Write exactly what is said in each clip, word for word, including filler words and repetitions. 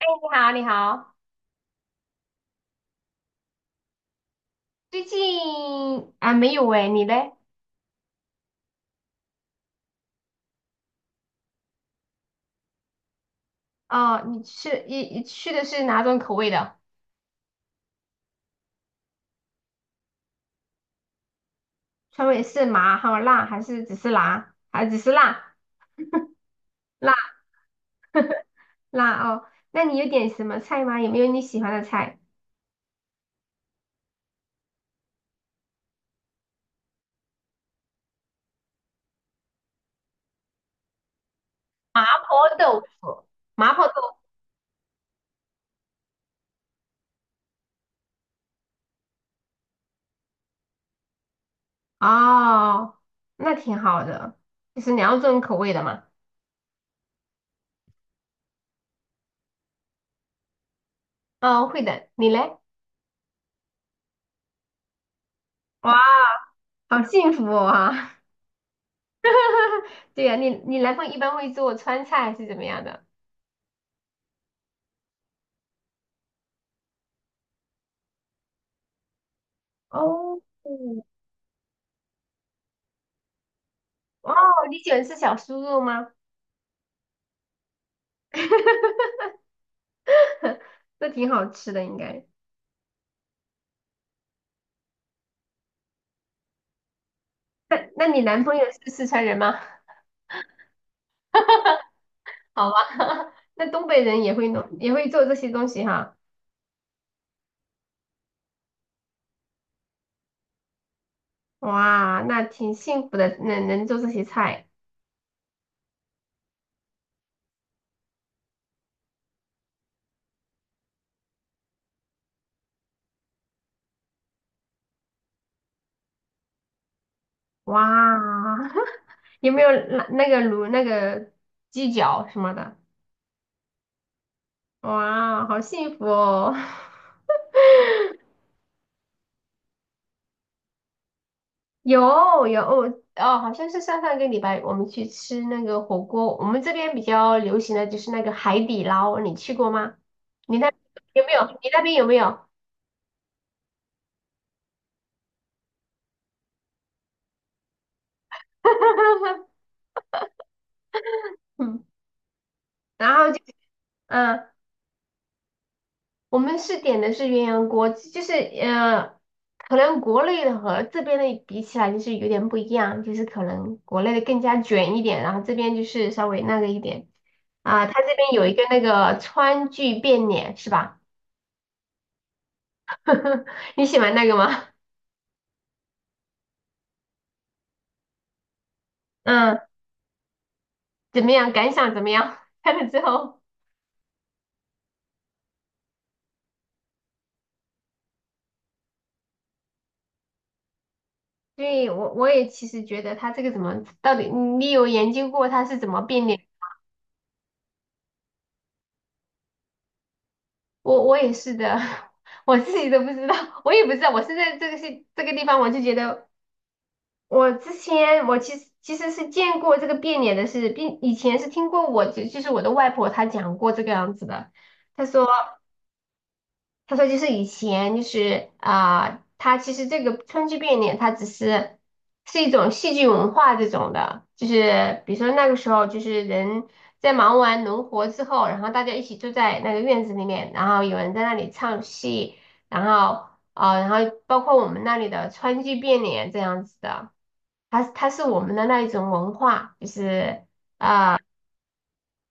你好，你好，最近啊没有哎，你嘞？哦，你吃你你吃的是哪种口味的？川味是麻还有辣，还是只是辣？还只是辣辣辣哦？那你有点什么菜吗？有没有你喜欢的菜？麻婆豆腐，麻婆豆腐哦，那挺好的，就是两种口味的嘛。哦，会的，你嘞？哇，好幸福哦啊！对呀，你你男朋友一般会做川菜还是怎么样的？哦，哦，你喜欢吃小酥肉吗？那挺好吃的，应该。那那你男朋友是四川人吗？好吧，那东北人也会弄，也会做这些东西哈。哇，那挺幸福的，能能做这些菜。哇，有没有那那个卤那个鸡脚什么的？哇，好幸福哦。有有哦，好像是上上个礼拜我们去吃那个火锅，我们这边比较流行的就是那个海底捞，你去过吗？你那有没有？你那边有没有？嗯，然后就嗯，我们是点的是鸳鸯锅，就是呃，可能国内的和这边的比起来就是有点不一样，就是可能国内的更加卷一点，然后这边就是稍微那个一点啊，它这边有一个那个川剧变脸是吧？你喜欢那个吗？嗯。怎么样？感想怎么样？看了之后 对，我我也其实觉得他这个怎么到底，你有研究过他是怎么变脸？我我也是的，我自己都不知道，我也不知道。我是在这个是这个地方，我就觉得我之前我其实其实是见过这个变脸的事，并以前是听过我就就是我的外婆她讲过这个样子的。她说。他说就是以前就是啊、他其实这个川剧变脸，它只是是一种戏剧文化这种的，就是比如说那个时候就是人在忙完农活之后，然后大家一起坐在那个院子里面，然后有人在那里唱戏，然后啊、然后包括我们那里的川剧变脸这样子的，它它是我们的那一种文化，就是。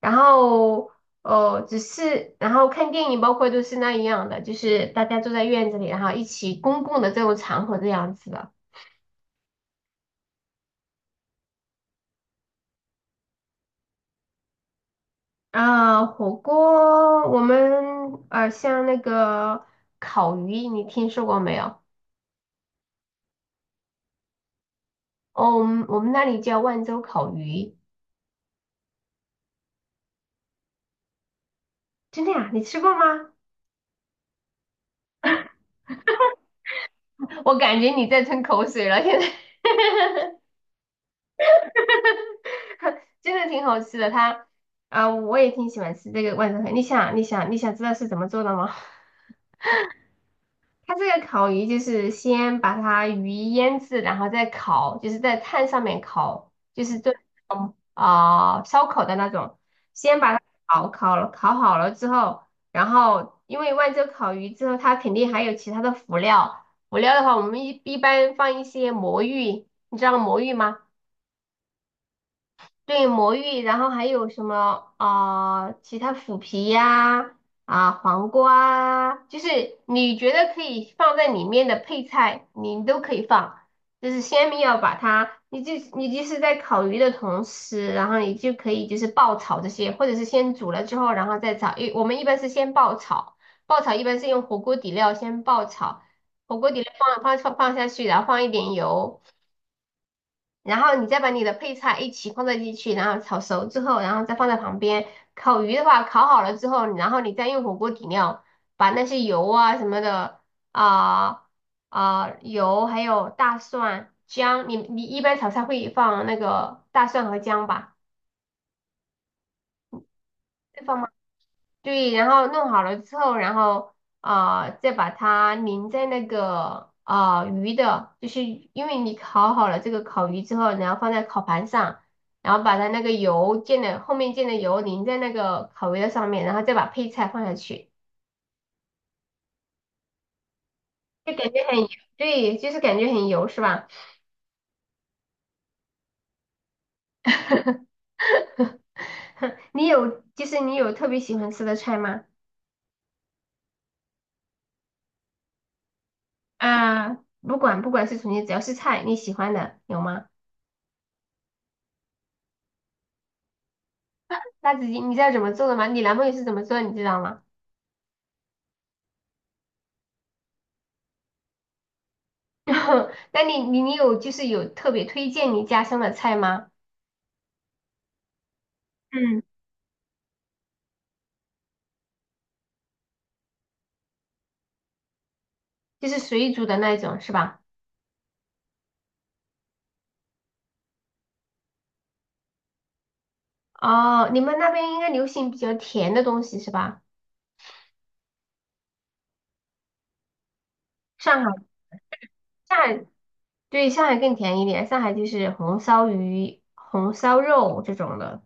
然后哦，只是然后看电影，包括都是那一样的，就是大家坐在院子里，然后一起公共的这种场合这样子的。啊、火锅我们呃像那个烤鱼，你听说过没有？哦，我们我们那里叫万州烤鱼，真的呀？你吃过吗？我感觉你在吞口水了，现在 真的挺好吃的。它啊、我也挺喜欢吃这个万州烤。鱼。你想，你想，你想知道是怎么做的吗？它这个烤鱼就是先把它鱼腌制，然后再烤，就是在炭上面烤，就是做啊、呃烧烤的那种。先把它烤烤了，烤好了之后，然后因为万州烤鱼之后，它肯定还有其他的辅料。辅料的话，我们一一般放一些魔芋，你知道魔芋吗？对，魔芋，然后还有什么啊、呃其他腐皮呀、啊，黄瓜啊，就是你觉得可以放在里面的配菜，你都可以放。就是先不要把它，你就你就是在烤鱼的同时，然后你就可以就是爆炒这些，或者是先煮了之后，然后再炒。一我们一般是先爆炒，爆炒一般是用火锅底料先爆炒，火锅底料放放放放下去，然后放一点油。然后你再把你的配菜一起放在进去，然后炒熟之后，然后再放在旁边。烤鱼的话，烤好了之后，然后你再用火锅底料把那些油啊什么的啊啊、油还有大蒜、姜，你你一般炒菜会放那个大蒜和姜吧？会放吗？对，然后弄好了之后，然后啊、再把它淋在那个啊、鱼的，就是因为你烤好了这个烤鱼之后，然后放在烤盘上，然后把它那个油溅的后面溅的油淋在那个烤鱼的上面，然后再把配菜放下去，就感觉很油对，就是感觉很油是吧？你有就是你有特别喜欢吃的菜吗？啊、不管不管是重庆，只要是菜你喜欢的有吗？辣子鸡你知道怎么做的吗？你男朋友是怎么做的你知道吗？那你你你有就是有特别推荐你家乡的菜吗？嗯，就是水煮的那种是吧？哦，你们那边应该流行比较甜的东西是吧？上海上海对上海更甜一点，上海就是红烧鱼、红烧肉这种的。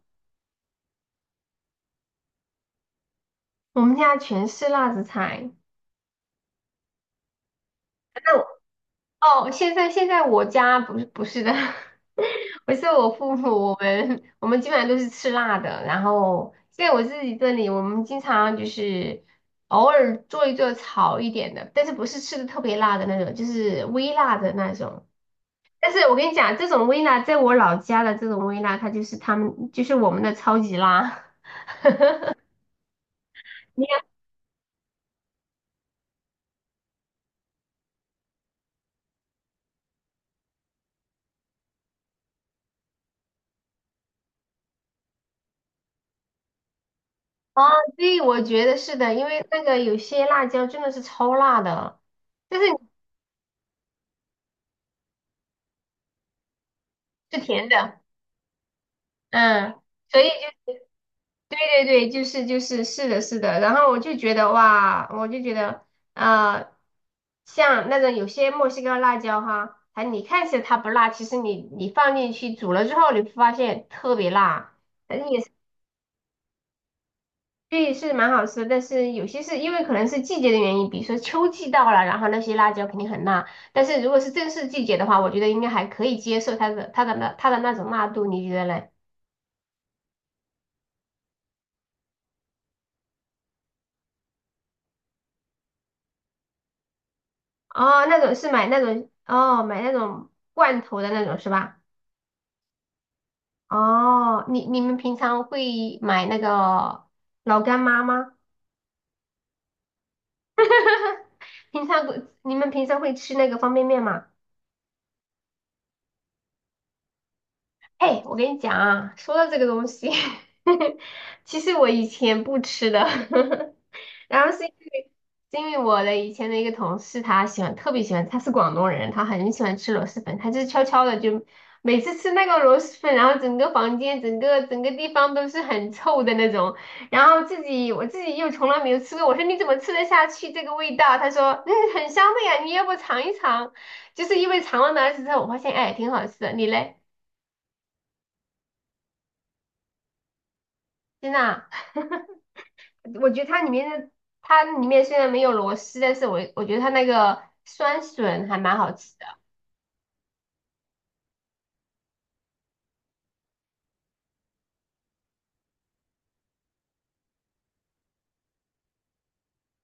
我们家全是辣子菜。那我哦，现在现在我家不是不是的，不是我父母，我们我们基本上都是吃辣的。然后在我自己这里，我们经常就是偶尔做一做炒一点的，但是不是吃的特别辣的那种，就是微辣的那种。但是我跟你讲，这种微辣，在我老家的这种微辣，它就是他们就是我们的超级辣。你看啊，对，我觉得是的，因为那个有些辣椒真的是超辣的，但是是甜的，嗯。所以就。对对对，就是就是是的，是的。然后我就觉得哇，我就觉得呃，像那种有些墨西哥辣椒哈，还你看起来它不辣，其实你你放进去煮了之后，你会发现特别辣，反正也是对，是蛮好吃的但是有些是因为可能是季节的原因，比如说秋季到了，然后那些辣椒肯定很辣。但是如果是正式季节的话，我觉得应该还可以接受它的它的那它的那种辣度，你觉得嘞？哦，那种是买那种哦，买那种罐头的那种是吧？哦，你你们平常会买那个老干妈吗？平常不，你们平常会吃那个方便面吗？哎，我跟你讲啊，说到这个东西，其实我以前不吃的，然后是因为是因为我的以前的一个同事，他喜欢特别喜欢，他是广东人，他很喜欢吃螺蛳粉，他就是悄悄的就每次吃那个螺蛳粉，然后整个房间、整个整个地方都是很臭的那种，然后自己我自己又从来没有吃过，我说你怎么吃得下去这个味道？他说嗯很香的呀，你要不尝一尝？就是因为尝了那次之后，我发现哎挺好吃的，你嘞，真的啊？我觉得它里面的它里面虽然没有螺丝，但是我我觉得它那个酸笋还蛮好吃的。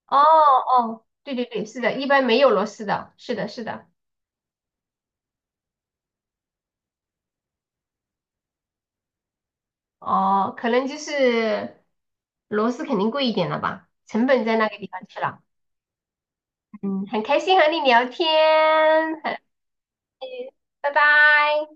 哦哦，对对对，是的，一般没有螺丝的，是的，是的。哦，可能就是螺丝肯定贵一点了吧，成本在那个地方去了。嗯，很开心和你聊天，很，拜拜。